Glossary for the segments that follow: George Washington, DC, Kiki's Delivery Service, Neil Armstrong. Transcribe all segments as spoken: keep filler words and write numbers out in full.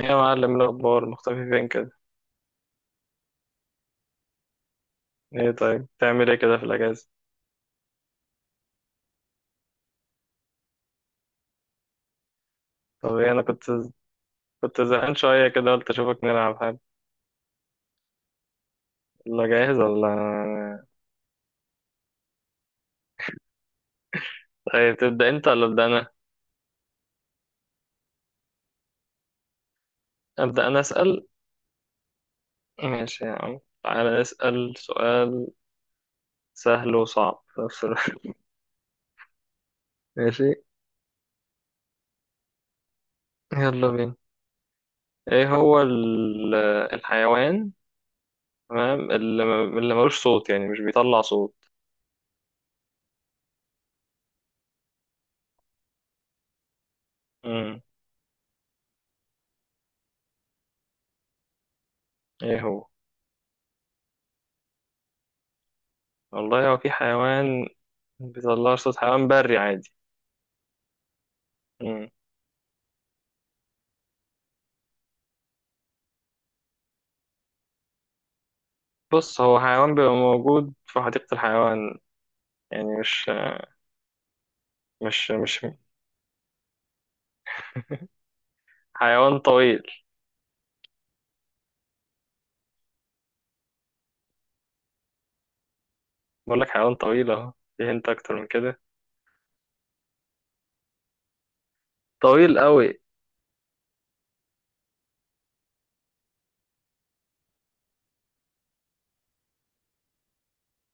يا معلم، إيه الأخبار؟ مختفي فين كده؟ إيه طيب، تعمل إيه كده في الأجازة؟ طب إيه، أنا كنت كنت زهقان شوية كده، قلت أشوفك نلعب حاجة. يلا جاهز ولا؟ طيب تبدأ أنت ولا أبدأ أنا؟ أبدأ أنا أسأل؟ ماشي يا عم، تعالى نسأل سؤال سهل وصعب في نفس الوقت. ماشي، يلا بينا. إيه هو ال- الحيوان، تمام، اللي ما- اللي ملوش صوت، يعني مش بيطلع صوت؟ مم. إيه هو؟ والله هو في حيوان بيطلع صوت، حيوان بري عادي. بص، هو حيوان بيبقى موجود في حديقة الحيوان، يعني مش مش مش حيوان طويل. بقول لك حيوان طويل اهو، في هنت اكتر من كده. طويل قوي.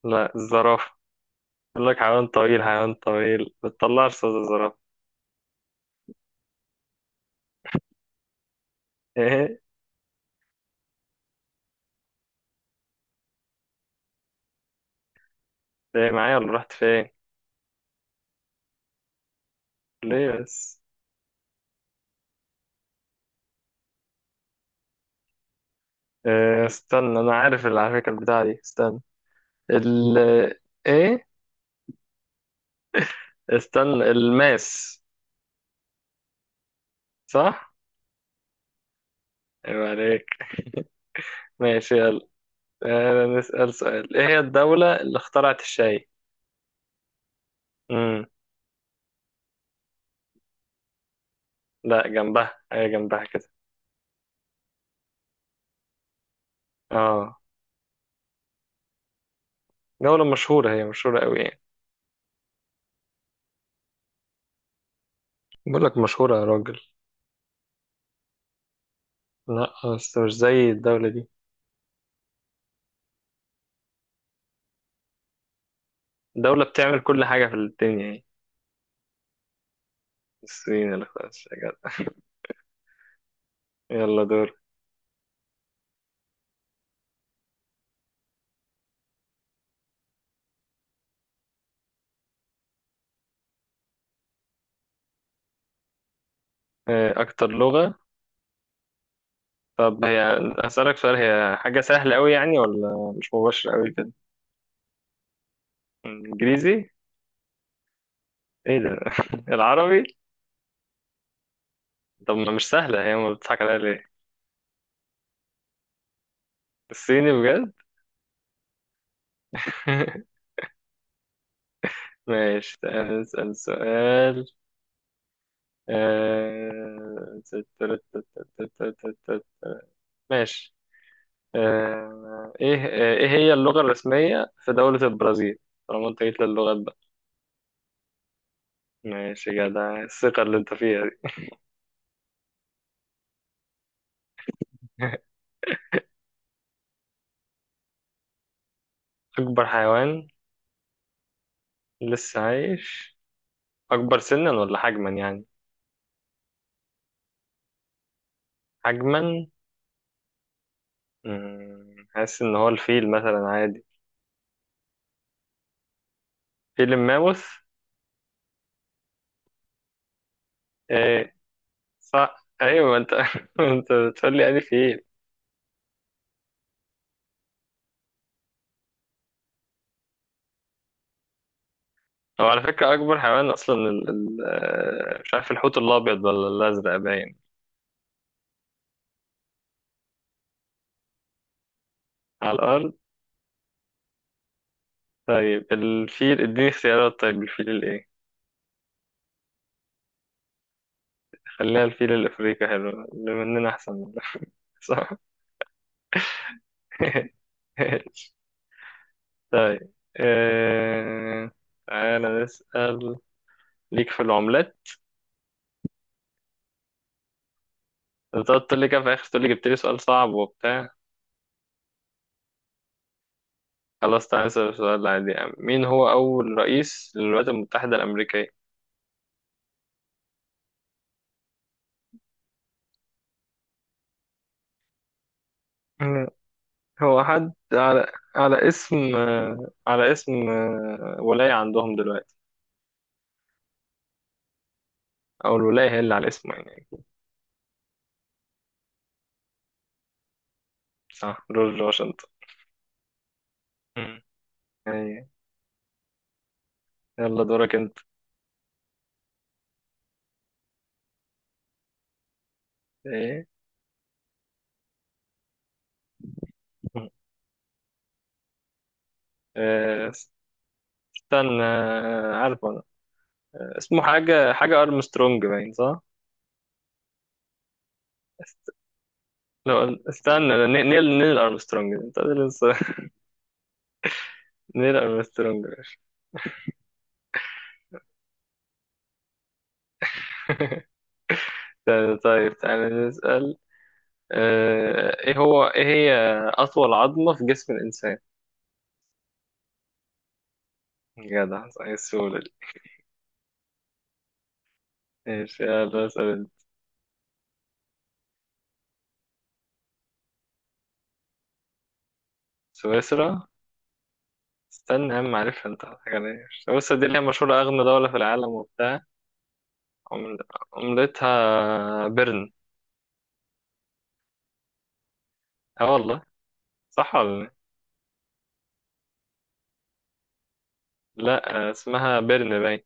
لا الزرافة، بقول لك حيوان طويل، حيوان طويل بتطلعش صوت الزرافة. ايه، ايه معايا ولا رحت فين؟ ليه بس؟ إيه استنى، انا عارف اللي على فكرة، البتاعة دي، استنى ال ايه، استنى، الماس. صح. ايوه، عليك. ماشي، يلا. آه، نسأل سؤال. ايه هي الدولة اللي اخترعت الشاي؟ لا جنبها، هي جنبها كده. اه. دولة مشهورة، هي مشهورة قوي يعني. بقول لك مشهورة يا راجل. لا بس مش زي الدولة دي. الدولة بتعمل كل حاجة في الدنيا يعني. الصين اللي، خلاص يا جدع. يلا دور. آه، أكتر لغة. طب هي، أسألك سؤال، هي حاجة سهلة قوي يعني، ولا مش مباشرة قوي كده؟ إنجليزي. إيه ده؟ العربي. طب ما مش سهلة هي، ما بتضحك عليها ليه؟ الصيني بجد. ماشي، تعال نسأل سؤال. آه، ماشي. آه، ايه ايه هي اللغة الرسمية في دولة البرازيل؟ طالما انت جيت للغات بقى. ماشي يا جدع، الثقة اللي انت فيها دي. أكبر حيوان لسه عايش؟ أكبر سنا ولا حجما يعني؟ حجما. مم، حاسس إن هو الفيل مثلا عادي، فيل الماموث. إيه؟ صح، أيوة، ما أنت ما أنت بتقول لي يعني فيل. هو على فكرة أكبر حيوان أصلا ال... ال... آه، مش عارف، الحوت الأبيض ولا الأزرق باين. على الأرض. طيب الفيل، اديني اختيارات. طيب الفيل الإيه؟ خليها الفيل الأفريقي، حلو اللي مننا أحسن منه. صح. طيب آه... تعالى نسأل. ليك في العملات؟ انت قلت لي كده في الآخر، تقول لي جبت لي سؤال صعب وبتاع. خلاص تعالى نسأل السؤال العادي يا عم. مين هو أول رئيس للولايات المتحدة الأمريكية؟ هو حد على على اسم آه، على اسم آه، ولاية عندهم دلوقتي، أو الولاية هي اللي على اسمه يعني. صح، جورج واشنطن. مم. أي، يلا دورك أنت. إيه؟ مم. آه، استنى، آه، عارف أنا، اسمه حاجة حاجة أرمسترونج باين، صح؟ لو، استنى، نيل نيل نيل أرمسترونج، أنت لسه. نيل أرمسترونج. طيب تعالى نسأل. آه، إيه هو إيه هي أطول عظمة في جسم الإنسان؟ جدع، صحيح السؤال. ماشي، يلا اسأل انت. سويسرا؟ استنى يا عم، عارفها. انت حاجة، ليه سويسرا دي اللي هي مشهورة أغنى دولة في العالم وبتاع. عمل- عملتها بيرن. اه والله. صح ولا؟ لا لا، اسمها بيرن باين.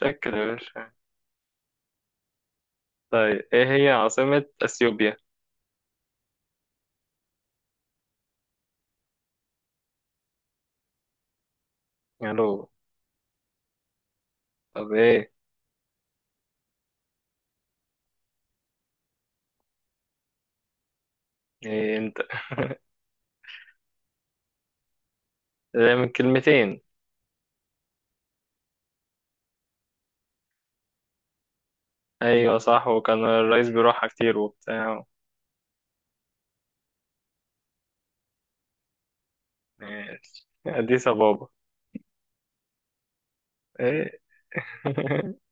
متأكد يا باشا. طيب، ايه هي عاصمة أثيوبيا؟ يالو. طب ايه؟ ايه انت؟ ده من كلمتين. ايوه صح، وكان الرئيس بيروحها كتير وبتاع. ماشي، أديس أبابا. ايه؟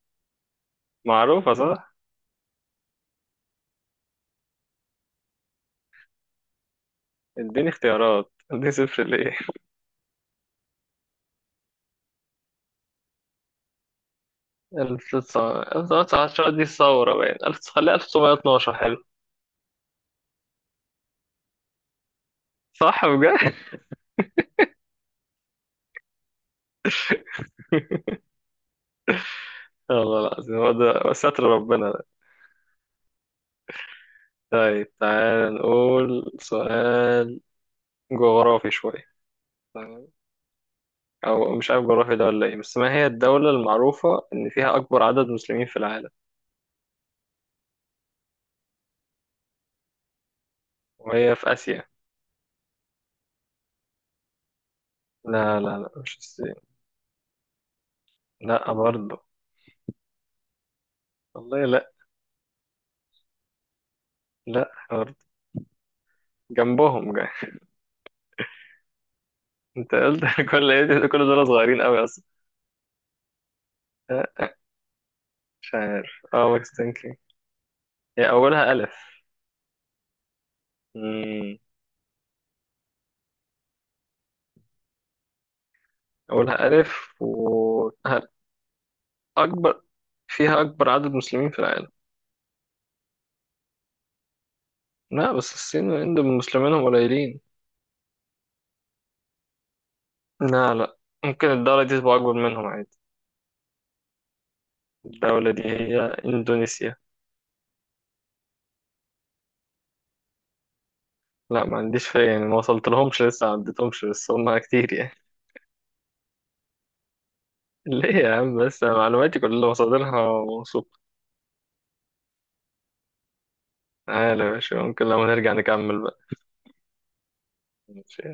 معروفة صح. اديني اختيارات، اديني صفر ليه؟ ألف وتسعمية وعشرة دي الثورة باين، ألف، خليها ألف وتسعمية واتناشر، حلو. صح بجد؟ والله العظيم، هو ده ستر ربنا ده. طيب تعال نقول سؤال جغرافي شوية، تمام؟ أو مش عارف جغرافي ده ولا إيه، بس ما هي الدولة المعروفة إن فيها أكبر عدد مسلمين في العالم، وهي في آسيا؟ لا لا لا، مش الصين. لا برضه. والله لا. لا برضه. جنبهم جاي. أنت قلت كل إيه ده؟ كل دول صغيرين أوي أصلا. لا، مش عارف، اه ماكس تنكي. هي أولها ألف. مم. أولها ألف وأكبر. أكبر، فيها أكبر عدد مسلمين في العالم. لا بس الصين والهند مسلمينهم قليلين. لا لا، ممكن الدولة دي تبقى أكبر منهم عادي. الدولة دي هي إندونيسيا. لا ما عنديش فيها يعني، ما وصلت لهمش لسه، ما عدتهمش، بس هم كتير يعني. ليه يا عم بس، أنا معلوماتي كلها مصادرها موثوقة. تعالى يا باشا، ممكن لما نرجع نكمل بقى. ماشي.